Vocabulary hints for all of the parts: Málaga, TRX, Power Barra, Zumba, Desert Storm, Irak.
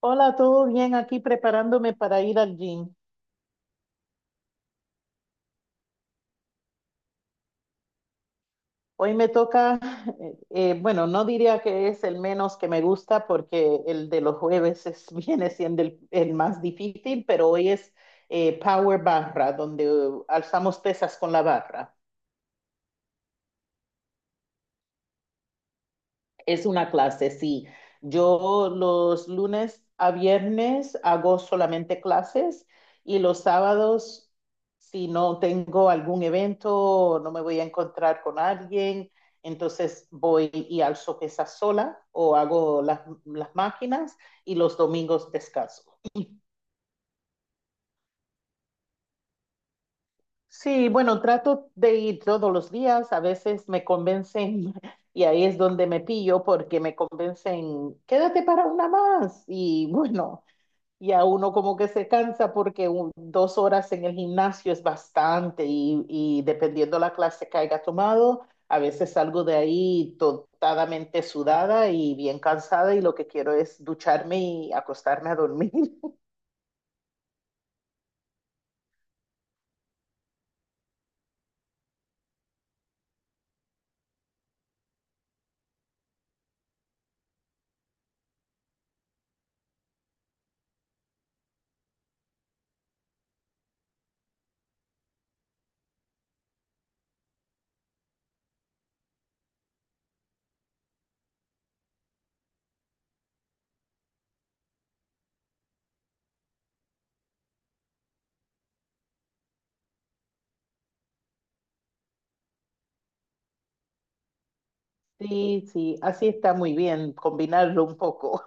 Hola, ¿todo bien? Aquí preparándome para ir al gym. Hoy me toca, bueno, no diría que es el menos que me gusta porque el de los jueves es, viene siendo el más difícil, pero hoy es Power Barra, donde alzamos pesas con la barra. Es una clase, sí. Yo los lunes a viernes hago solamente clases y los sábados, si no tengo algún evento o no me voy a encontrar con alguien, entonces voy y alzo pesas sola o hago las máquinas y los domingos descanso. Sí, bueno, trato de ir todos los días. A veces me convencen y ahí es donde me pillo porque me convencen, quédate para una más. Y bueno, y a uno como que se cansa porque dos horas en el gimnasio es bastante y dependiendo la clase que haya tomado, a veces salgo de ahí totalmente sudada y bien cansada y lo que quiero es ducharme y acostarme a dormir. Sí, sí, así está muy bien combinarlo un poco.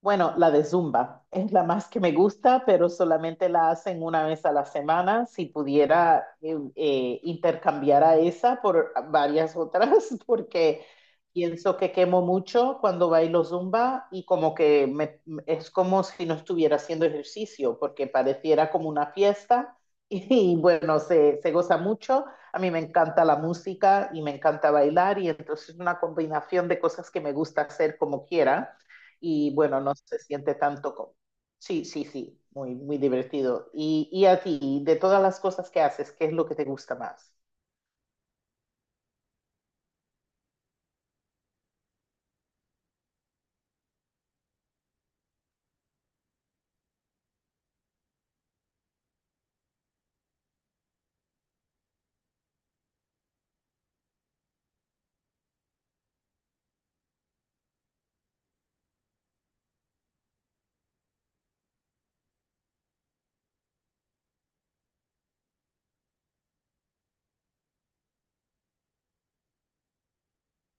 Bueno, la de Zumba es la más que me gusta, pero solamente la hacen una vez a la semana. Si pudiera intercambiar a esa por varias otras, porque pienso que quemo mucho cuando bailo Zumba y como que me- es como si no estuviera haciendo ejercicio, porque pareciera como una fiesta y, bueno, se goza mucho. A mí me encanta la música y me encanta bailar y entonces es una combinación de cosas que me gusta hacer como quiera y bueno, no se siente tanto como... Sí, sí, sí, muy, muy divertido. Y a ti, de todas las cosas que haces, ¿qué es lo que te gusta más?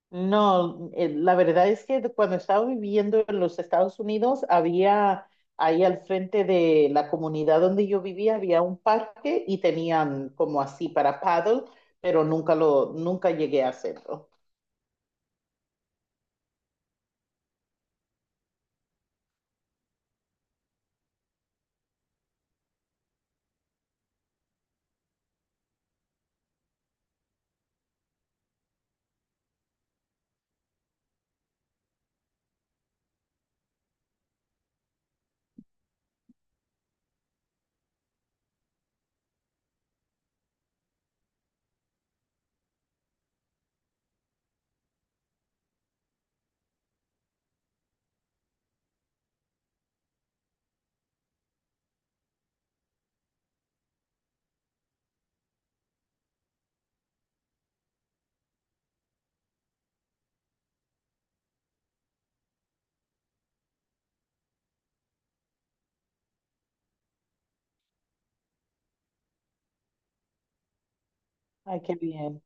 No, la verdad es que cuando estaba viviendo en los Estados Unidos, había ahí al frente de la comunidad donde yo vivía, había un parque y tenían como así para paddle, pero nunca llegué a hacerlo. Ay, qué bien.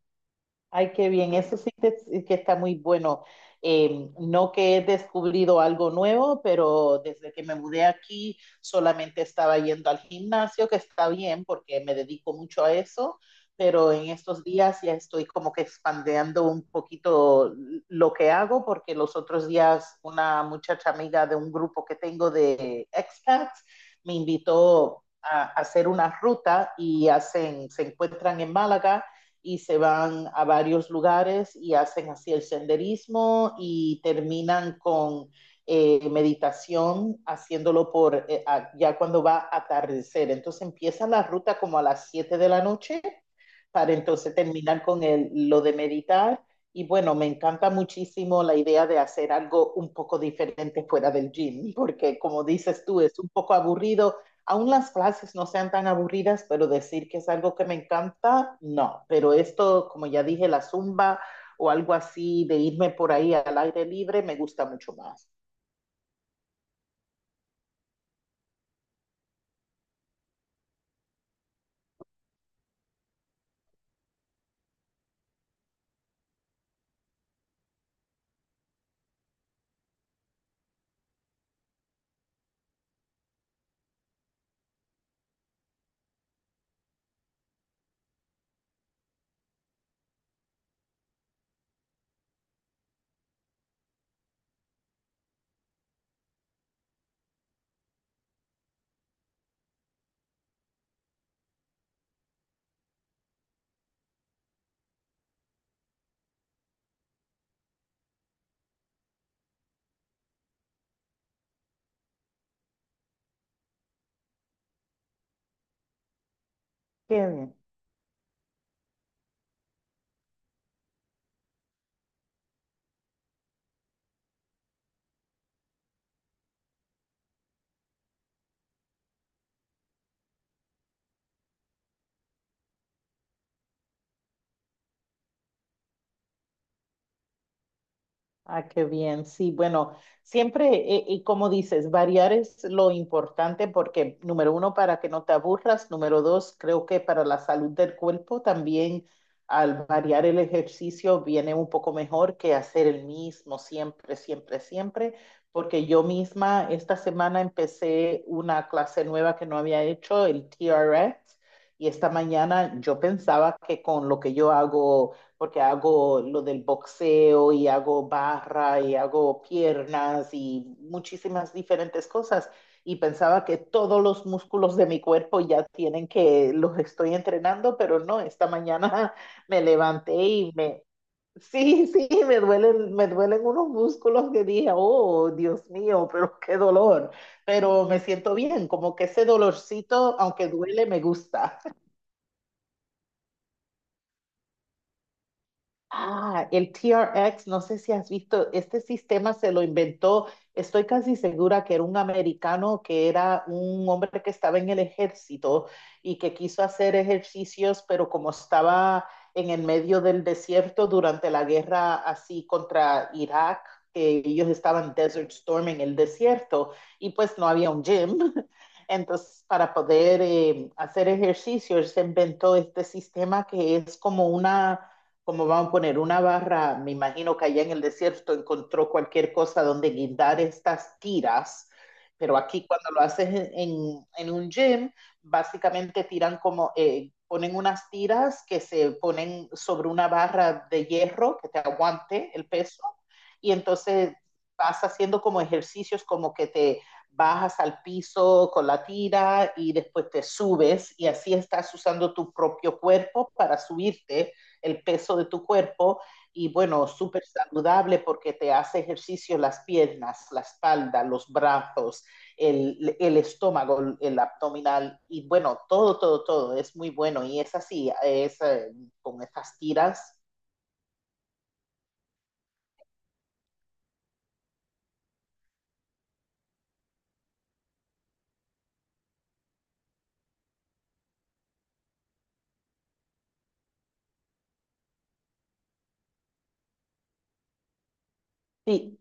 Ay, qué bien, eso sí que está muy bueno. No que he descubrido algo nuevo, pero desde que me mudé aquí solamente estaba yendo al gimnasio, que está bien porque me dedico mucho a eso, pero en estos días ya estoy como que expandiendo un poquito lo que hago, porque los otros días una muchacha amiga de un grupo que tengo de expats me invitó a hacer una ruta y hacen, se encuentran en Málaga y se van a varios lugares y hacen así el senderismo y terminan con meditación haciéndolo por ya cuando va a atardecer. Entonces empiezan la ruta como a las 7 de la noche para entonces terminar con lo de meditar. Y bueno, me encanta muchísimo la idea de hacer algo un poco diferente fuera del gym, porque como dices tú, es un poco aburrido aún las clases no sean tan aburridas, pero decir que es algo que me encanta, no. Pero esto, como ya dije, la zumba o algo así de irme por ahí al aire libre, me gusta mucho más. Qué bien. Ah, qué bien. Sí, bueno, siempre, y como dices, variar es lo importante porque, número uno, para que no te aburras, número dos, creo que para la salud del cuerpo también al variar el ejercicio viene un poco mejor que hacer el mismo siempre, siempre, siempre, porque yo misma esta semana empecé una clase nueva que no había hecho, el TRX, y esta mañana yo pensaba que con lo que yo hago porque hago lo del boxeo y hago barra y hago piernas y muchísimas diferentes cosas. Y pensaba que todos los músculos de mi cuerpo ya tienen que los estoy entrenando, pero no, esta mañana me levanté y me, sí, sí, me duelen unos músculos que dije, oh, Dios mío, pero qué dolor. Pero me siento bien, como que ese dolorcito, aunque duele, me gusta. Ah, el TRX, no sé si has visto, este sistema se lo inventó, estoy casi segura que era un americano, que era un hombre que estaba en el ejército y que quiso hacer ejercicios, pero como estaba en el medio del desierto durante la guerra así contra Irak, que ellos estaban Desert Storm en el desierto y pues no había un gym. Entonces, para poder hacer ejercicios, se inventó este sistema que es como una como van a poner una barra, me imagino que allá en el desierto encontró cualquier cosa donde guindar estas tiras, pero aquí cuando lo haces en un gym, básicamente tiran como, ponen unas tiras que se ponen sobre una barra de hierro que te aguante el peso y entonces vas haciendo como ejercicios como que te bajas al piso con la tira y después te subes y así estás usando tu propio cuerpo para subirte el peso de tu cuerpo y bueno, súper saludable porque te hace ejercicio las piernas, la espalda, los brazos, el estómago, el abdominal y bueno, todo, todo, todo es muy bueno y es así, es con estas tiras. Sí,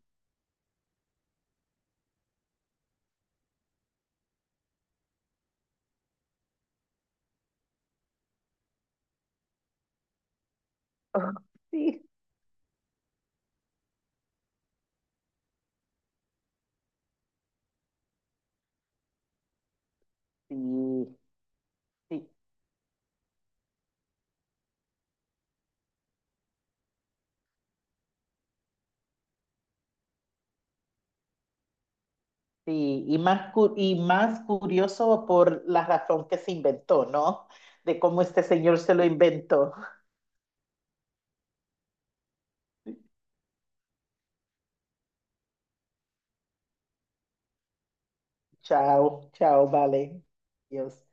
oh, sí, sí, sí, sí. Y, y más curioso por la razón que se inventó, ¿no? De cómo este señor se lo inventó. Chao, chao, vale. Dios.